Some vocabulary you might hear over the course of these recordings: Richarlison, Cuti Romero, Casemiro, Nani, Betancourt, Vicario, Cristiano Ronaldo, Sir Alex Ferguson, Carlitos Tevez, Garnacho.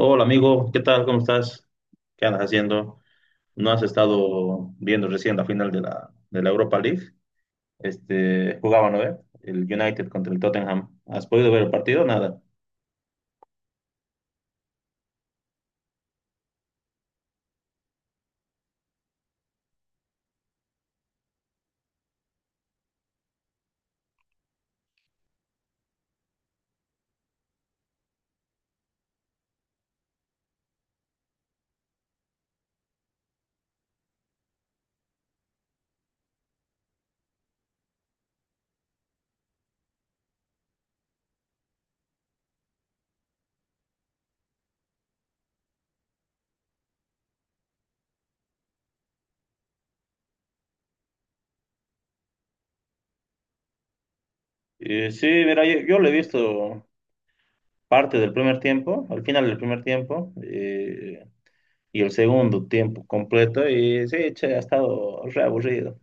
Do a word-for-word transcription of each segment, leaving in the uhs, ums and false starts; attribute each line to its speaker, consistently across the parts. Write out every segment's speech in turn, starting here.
Speaker 1: Hola amigo, ¿qué tal? ¿Cómo estás? ¿Qué andas haciendo? ¿No has estado viendo recién la final de la, de la Europa League? Este, jugaban, ¿no? eh? El United contra el Tottenham. ¿Has podido ver el partido? Nada. Eh, sí, mira, yo, yo lo he visto parte del primer tiempo, al final del primer tiempo, eh, y el segundo tiempo completo, y sí, che, ha estado re aburrido.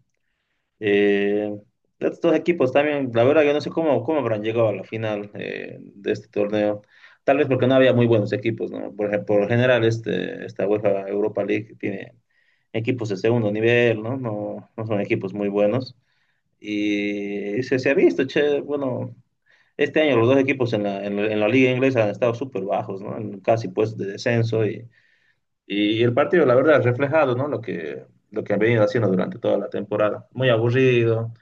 Speaker 1: Eh, Estos dos equipos también, la verdad, yo no sé cómo, cómo habrán llegado a la final eh, de este torneo. Tal vez porque no había muy buenos equipos, ¿no? Por, ej- por lo general, este, esta UEFA Europa League tiene equipos de segundo nivel, ¿no? No, no son equipos muy buenos. Y se, se ha visto, che, bueno, este año los dos equipos en la, en la, en la liga inglesa han estado súper bajos, ¿no? En casi pues de descenso, y el partido, la verdad, ha reflejado, ¿no? Lo que, lo que han venido haciendo durante toda la temporada. Muy aburrido,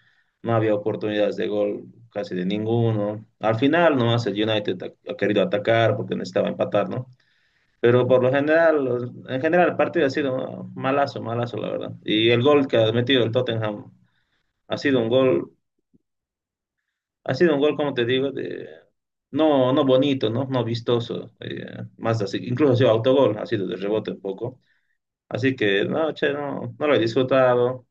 Speaker 1: no había oportunidades de gol casi de ninguno. Al final, ¿no? El United ha, ha querido atacar porque necesitaba empatar, ¿no? Pero por lo general, los- en general, el partido ha sido malazo, malazo, la verdad. Y el gol que ha metido el Tottenham ha sido un gol, ha sido un gol, como te digo, de, no, no bonito, ¿no? No vistoso. Eh, más así, incluso ha sido autogol, ha sido de rebote un poco. Así que, no, che, no, no lo he disfrutado.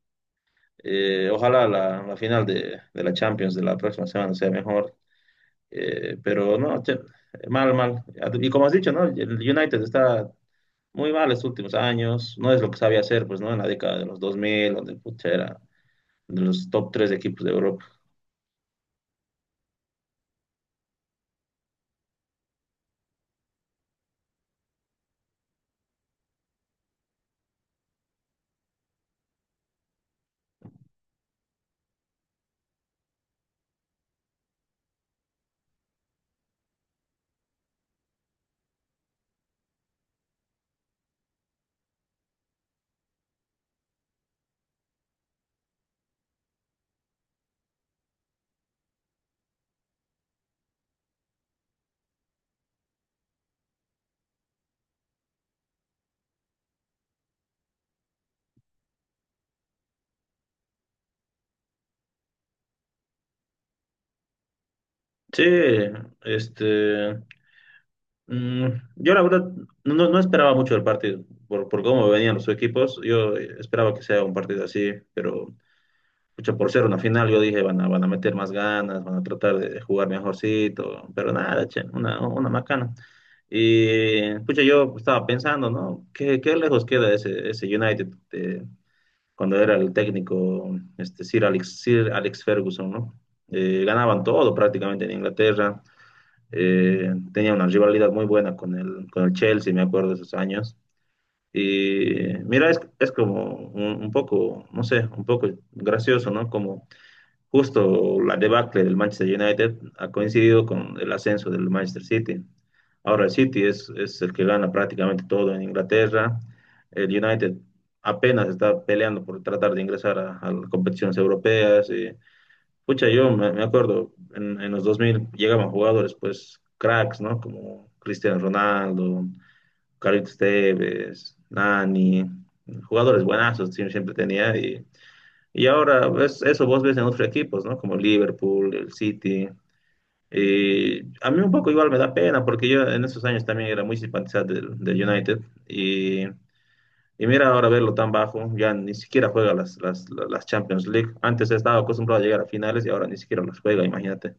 Speaker 1: Eh, ojalá la la final de, de la Champions de la próxima semana sea mejor. Eh, pero no, che, mal, mal. Y como has dicho, ¿no? El United está muy mal estos últimos años. No es lo que sabía hacer, pues, ¿no? En la década de los dos mil, donde, pucha, era de los top tres equipos de Europa. Sí, este, mm, yo la verdad no, no esperaba mucho del partido, por, por cómo venían los equipos. Yo esperaba que sea un partido así, pero... Pucha, por ser una final, yo dije, van a, van a meter más ganas, van a tratar de jugar mejorcito, pero nada, che, una, una macana. Y, pucha, yo estaba pensando, ¿no? ¿Qué, ¿qué lejos queda ese, ese United de- cuando era el técnico este, Sir Alex, Sir Alex Ferguson, ¿no? Eh, ganaban todo prácticamente en Inglaterra, eh, tenía una rivalidad muy buena con el, con el Chelsea. Me acuerdo de esos años. Y mira, es, es como un, un poco, no sé, un poco gracioso, ¿no? Como, justo la debacle del Manchester United ha coincidido con el ascenso del Manchester City. Ahora el City es, es el que gana prácticamente todo en Inglaterra. El United apenas está peleando por tratar de ingresar a a las competiciones europeas. Y, pucha, yo me, me acuerdo, en, en los dos mil llegaban jugadores, pues, cracks, ¿no? Como Cristiano Ronaldo, Carlitos Tevez, Nani, jugadores buenazos siempre, siempre tenía. Y y ahora es- eso vos ves en otros equipos, ¿no? Como Liverpool, el City. Y a mí un poco igual me da pena porque yo en esos años también era muy simpatizante del, del United. Y, y mira ahora verlo tan bajo, ya ni siquiera juega las, las, las Champions League. Antes estaba acostumbrado a llegar a finales y ahora ni siquiera las juega, imagínate.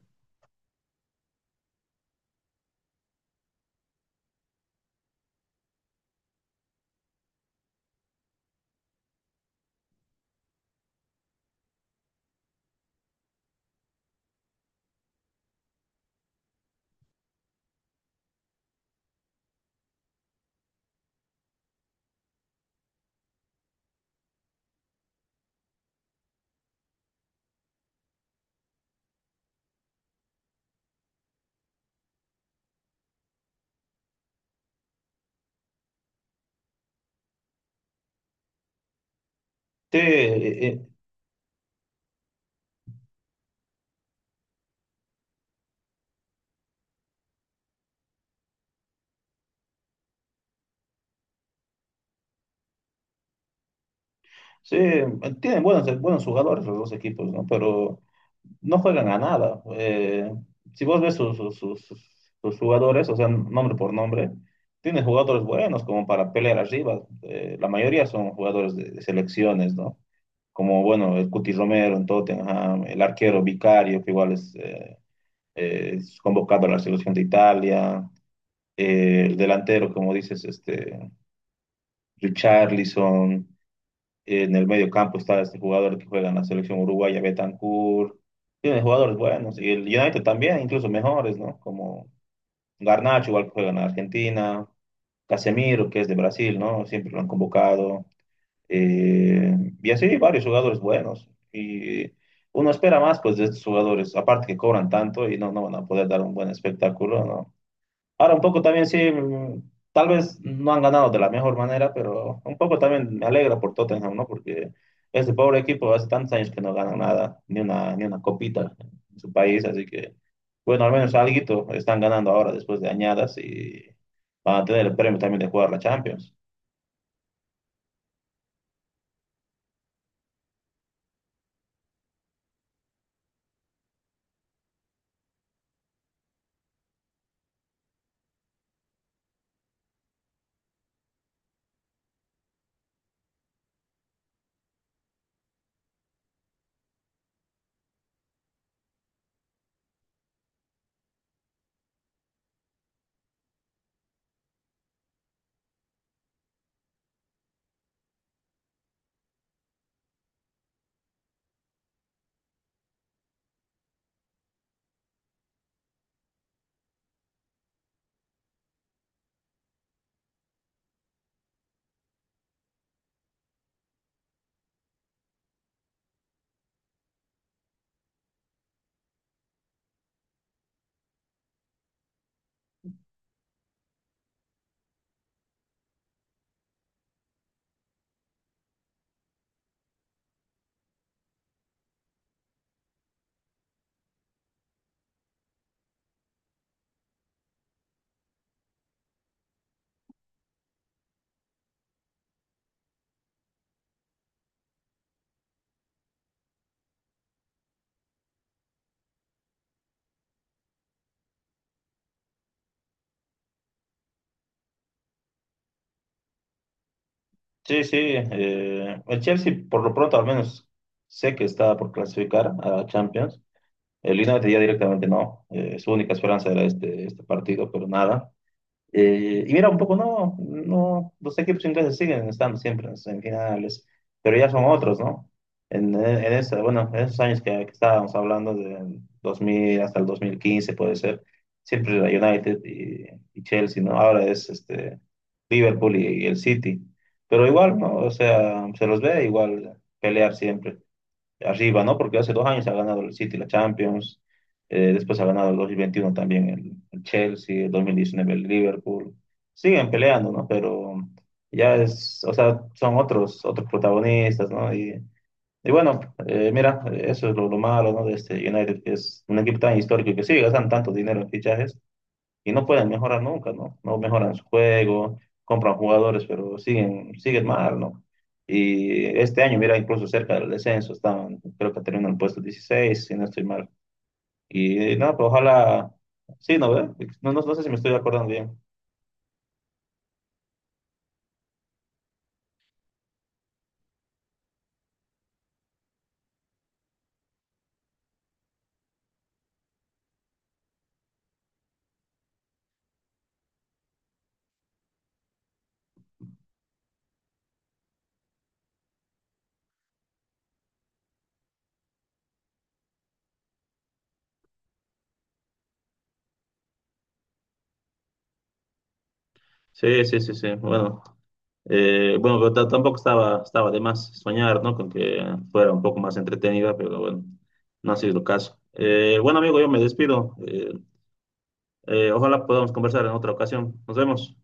Speaker 1: Sí, eh, eh, sí, tienen buenos, buenos jugadores los dos equipos, ¿no? Pero no juegan a nada. Eh, si vos ves sus, sus- sus- sus- sus jugadores, o sea, nombre por nombre, tiene jugadores buenos como para pelear arriba. Eh, la mayoría son jugadores de de selecciones, ¿no? Como, bueno, el Cuti Romero en Tottenham, el arquero Vicario, que igual es, eh, eh, es convocado a la selección de Italia, eh, el delantero, como dices, este, Richarlison. En el medio campo está este jugador que juega en la selección uruguaya, Betancourt. Tiene jugadores buenos. Y el United también, incluso mejores, ¿no? Como Garnacho, igual que juega en Argentina. Casemiro, que es de Brasil, ¿no? Siempre lo han convocado. Eh, y así varios jugadores buenos. Y uno espera más, pues, de estos jugadores. Aparte que cobran tanto y no, no van a poder dar un buen espectáculo, ¿no? Ahora un poco también sí, mm, tal vez no han ganado de la mejor manera, pero un poco también me alegra por Tottenham, ¿no? Porque ese pobre equipo hace tantos años que no gana nada, ni una, ni una copita en su país, así que, bueno, al menos alguito están ganando ahora después de añadas, y van a tener el premio también de jugar la Champions. Sí, sí, eh, el Chelsea por lo pronto al menos sé que está por clasificar a la Champions. El United ya directamente no, eh, es su única esperanza era este, este partido, pero nada. Eh, y mira, un poco no, no, los equipos ingleses siguen estando siempre en las semifinales, pero ya son otros, ¿no? En, en esa- bueno, en esos años que, que estábamos hablando, de dos mil hasta el dos mil quince, puede ser, siempre era United y, y Chelsea, ¿no? Ahora es este, Liverpool y, y el City, pero igual, ¿no? O sea, se los ve igual pelear siempre arriba, ¿no? Porque hace dos años ha ganado el City la Champions, eh, después ha ganado el dos mil veintiuno también el, el Chelsea, el dos mil diecinueve el Liverpool. Siguen peleando, ¿no? Pero ya es, o sea, son otros, otros protagonistas, ¿no? Y, y bueno, eh, mira, eso es lo, lo malo, ¿no? De este United, que es un equipo tan histórico que sigue gastando tanto dinero en fichajes y no pueden mejorar nunca, ¿no? No mejoran su juego, compran jugadores, pero siguen, siguen mal, ¿no? Y este año, mira, incluso cerca del descenso, estaban, creo que terminan el puesto dieciséis si no estoy mal. Y no, pero ojalá, sí, ¿no ve? No, no, no sé si me estoy acordando bien. Sí, sí, sí, sí. Bueno, eh, bueno, pero ta- tampoco estaba, estaba de más soñar, ¿no? Con que fuera un poco más entretenida, pero bueno, no ha sido el caso. Eh, bueno, amigo, yo me despido. Eh, eh, ojalá podamos conversar en otra ocasión. Nos vemos.